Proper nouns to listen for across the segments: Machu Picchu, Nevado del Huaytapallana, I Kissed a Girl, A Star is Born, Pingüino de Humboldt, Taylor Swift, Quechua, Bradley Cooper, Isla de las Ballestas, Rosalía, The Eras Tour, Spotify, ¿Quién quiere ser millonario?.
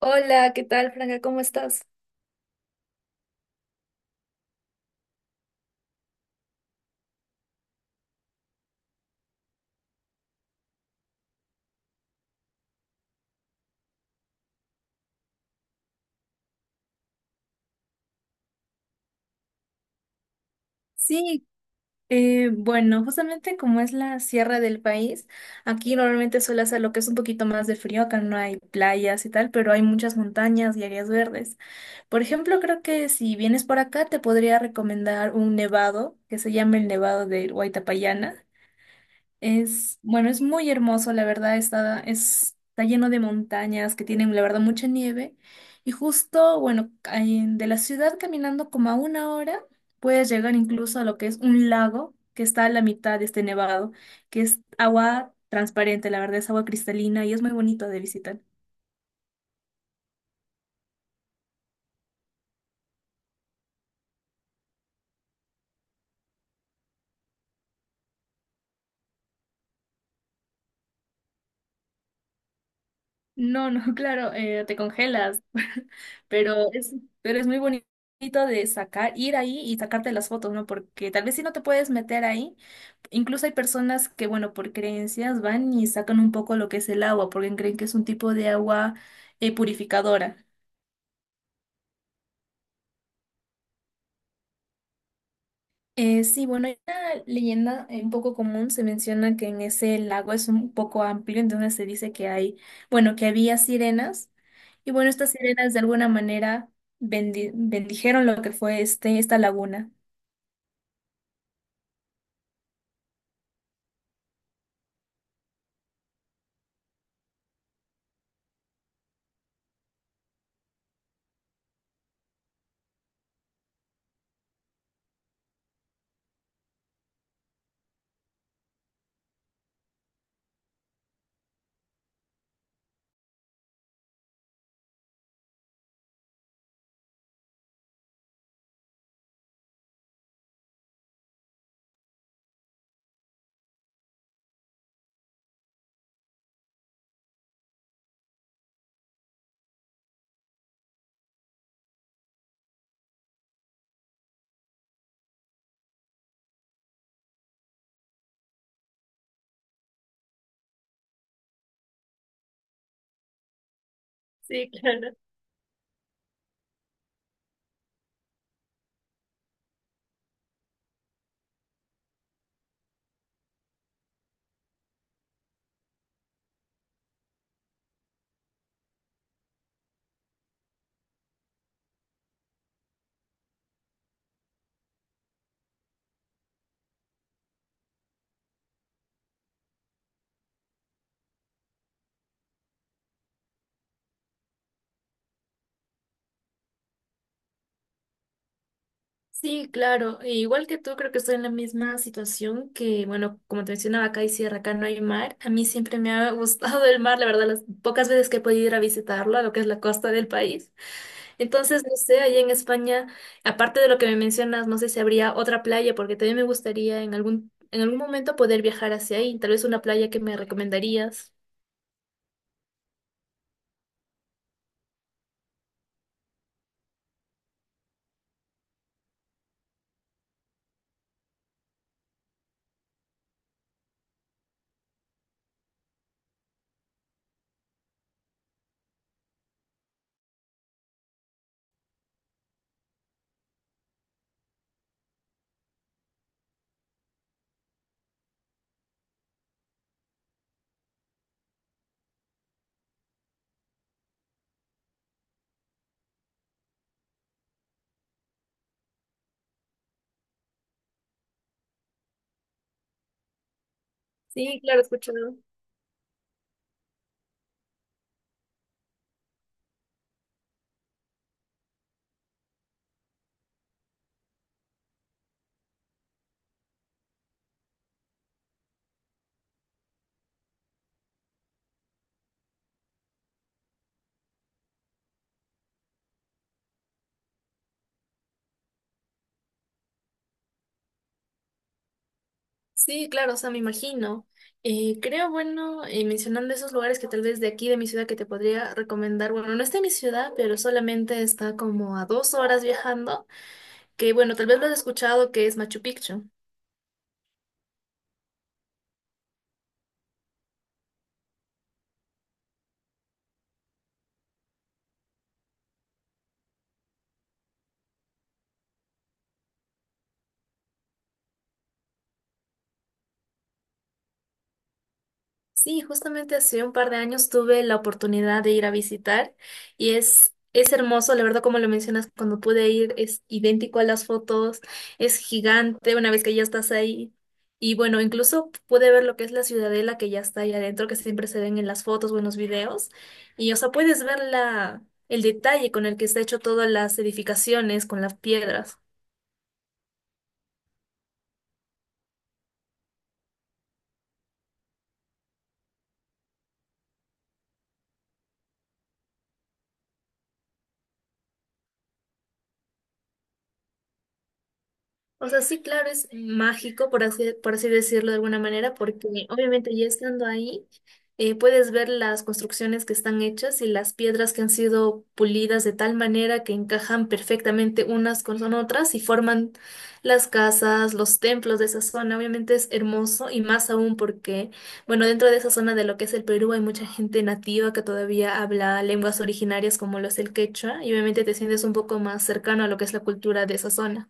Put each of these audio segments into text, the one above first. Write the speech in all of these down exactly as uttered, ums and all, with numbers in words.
Hola, ¿qué tal, Franca? ¿Cómo estás? Sí, eh, bueno, justamente como es la sierra del país, aquí normalmente suele hacer lo que es un poquito más de frío, acá no hay playas y tal, pero hay muchas montañas y áreas verdes. Por ejemplo, creo que si vienes por acá te podría recomendar un nevado que se llama el Nevado del Huaytapallana. Es, bueno, es muy hermoso, la verdad, está, es- está lleno de montañas que tienen, la verdad, mucha nieve. Y justo, bueno, ahí en- de la ciudad caminando como a una hora, puedes llegar incluso a lo que es un lago que está a la mitad de este nevado, que es agua transparente, la verdad, es agua cristalina y es muy bonito de visitar. No, no, claro, eh, te congelas, pero es, pero es muy bonito de sacar, ir ahí y sacarte las fotos, ¿no? Porque tal vez si no te puedes meter ahí, incluso hay personas que, bueno, por creencias van y sacan un poco lo que es el agua, porque creen que es un tipo de agua eh, purificadora. Eh, sí, bueno, hay una leyenda eh, un poco común, se menciona que en ese lago es un poco amplio, entonces se dice que hay, bueno, que había sirenas y bueno, estas sirenas de alguna manera bendi- bendijeron lo que fue este, esta laguna. Sí, claro. Sí, claro. E igual que tú, creo que estoy en la misma situación que, bueno, como te mencionaba, acá hay sierra, acá no hay mar. A mí siempre me ha gustado el mar, la verdad, las pocas veces que he podido ir a visitarlo, a lo que es la costa del país. Entonces, no sé, allá en España, aparte de lo que me mencionas, no sé si habría otra playa, porque también me gustaría en algún, en algún momento poder viajar hacia ahí. Tal vez una playa que me recomendarías. Sí, claro, he escuchado. Sí, claro, o sea, me imagino. Eh, creo, bueno, eh, mencionando esos lugares que tal vez de aquí, de mi ciudad, que te podría recomendar, bueno, no está en mi ciudad, pero solamente está como a dos horas viajando, que bueno, tal vez lo has escuchado que es Machu Picchu. Sí, justamente hace un par de años tuve la oportunidad de ir a visitar y es, es hermoso, la verdad, como lo mencionas, cuando pude ir es idéntico a las fotos, es gigante una vez que ya estás ahí. Y bueno, incluso pude ver lo que es la ciudadela que ya está ahí adentro, que siempre se ven en las fotos o en los videos. Y o sea, puedes ver la, el detalle con el que está hecho todas las edificaciones, con las piedras. O sea, sí, claro, es mágico, por así, por así decirlo de alguna manera, porque obviamente ya estando ahí, eh, puedes ver las construcciones que están hechas y las piedras que han sido pulidas de tal manera que encajan perfectamente unas con con otras y forman las casas, los templos de esa zona. Obviamente es hermoso y más aún porque, bueno, dentro de esa zona de lo que es el Perú hay mucha gente nativa que todavía habla lenguas originarias como lo es el quechua y obviamente te sientes un poco más cercano a lo que es la cultura de esa zona.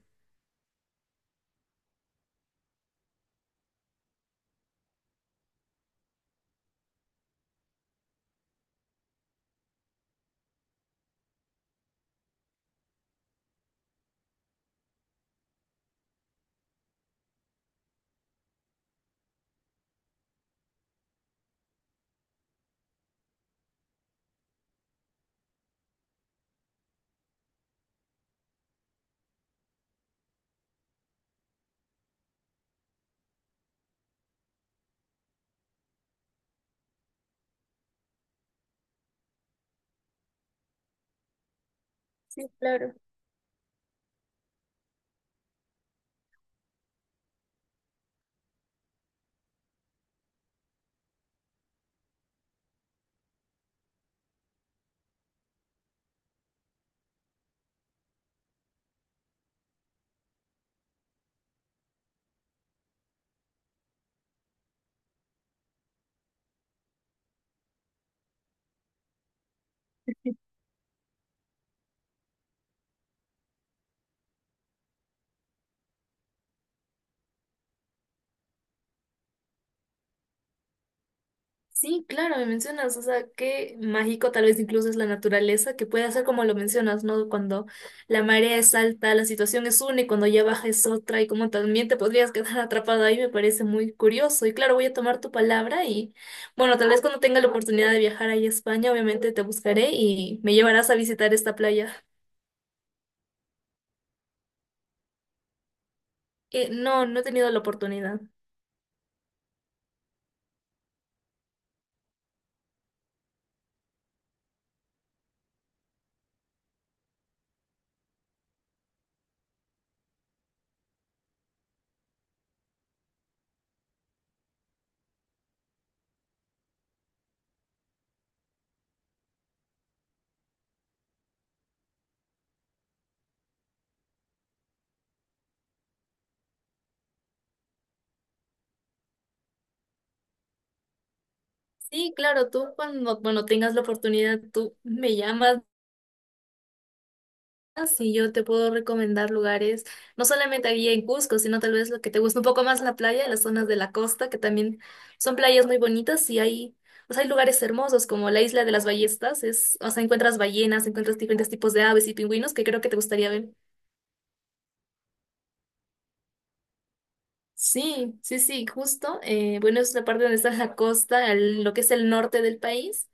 Sí, claro. Sí, claro, me mencionas, o sea, qué mágico tal vez incluso es la naturaleza, que puede hacer como lo mencionas, ¿no? Cuando la marea es alta, la situación es una y cuando ya baja es otra y como también te podrías quedar atrapado ahí, me parece muy curioso. Y claro, voy a tomar tu palabra y bueno, tal vez cuando tenga la oportunidad de viajar ahí a España, obviamente te buscaré y me llevarás a visitar esta playa. Eh, no, no he tenido la oportunidad. Sí, claro, tú cuando, bueno, tengas la oportunidad, tú me llamas. Ah, sí, yo te puedo recomendar lugares, no solamente aquí en Cusco, sino tal vez lo que te gusta un poco más la playa, las zonas de la costa, que también son playas muy bonitas y hay, o sea, hay lugares hermosos como la isla de las ballestas, es, o sea, encuentras ballenas, encuentras diferentes tipos de aves y pingüinos que creo que te gustaría ver. Sí, sí, sí, justo. Eh, bueno, es la parte donde está la costa, el- lo que es el norte del país.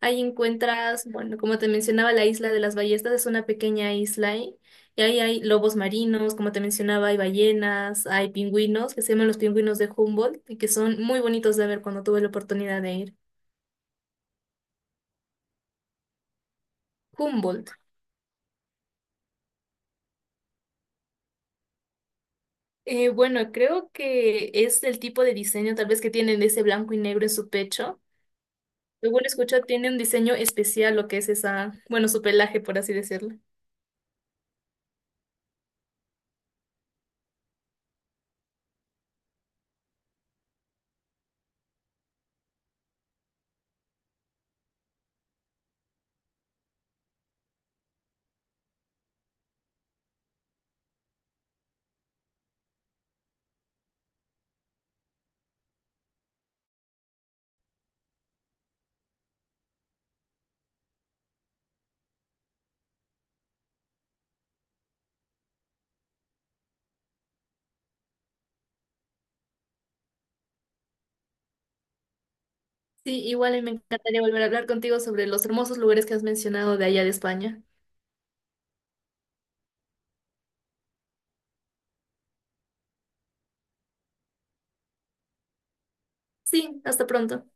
Ahí encuentras, bueno, como te mencionaba, la isla de las ballestas es una pequeña isla y y ahí hay lobos marinos, como te mencionaba, hay ballenas, hay pingüinos, que se llaman los pingüinos de Humboldt y que son muy bonitos de ver cuando tuve la oportunidad de ir. Humboldt. Eh, bueno, creo que es el tipo de diseño tal vez que tienen ese blanco y negro en su pecho. Según escucho, tiene un diseño especial lo que es esa, bueno, su pelaje, por así decirlo. Sí, igual y me encantaría volver a hablar contigo sobre los hermosos lugares que has mencionado de allá de España. Sí, hasta pronto.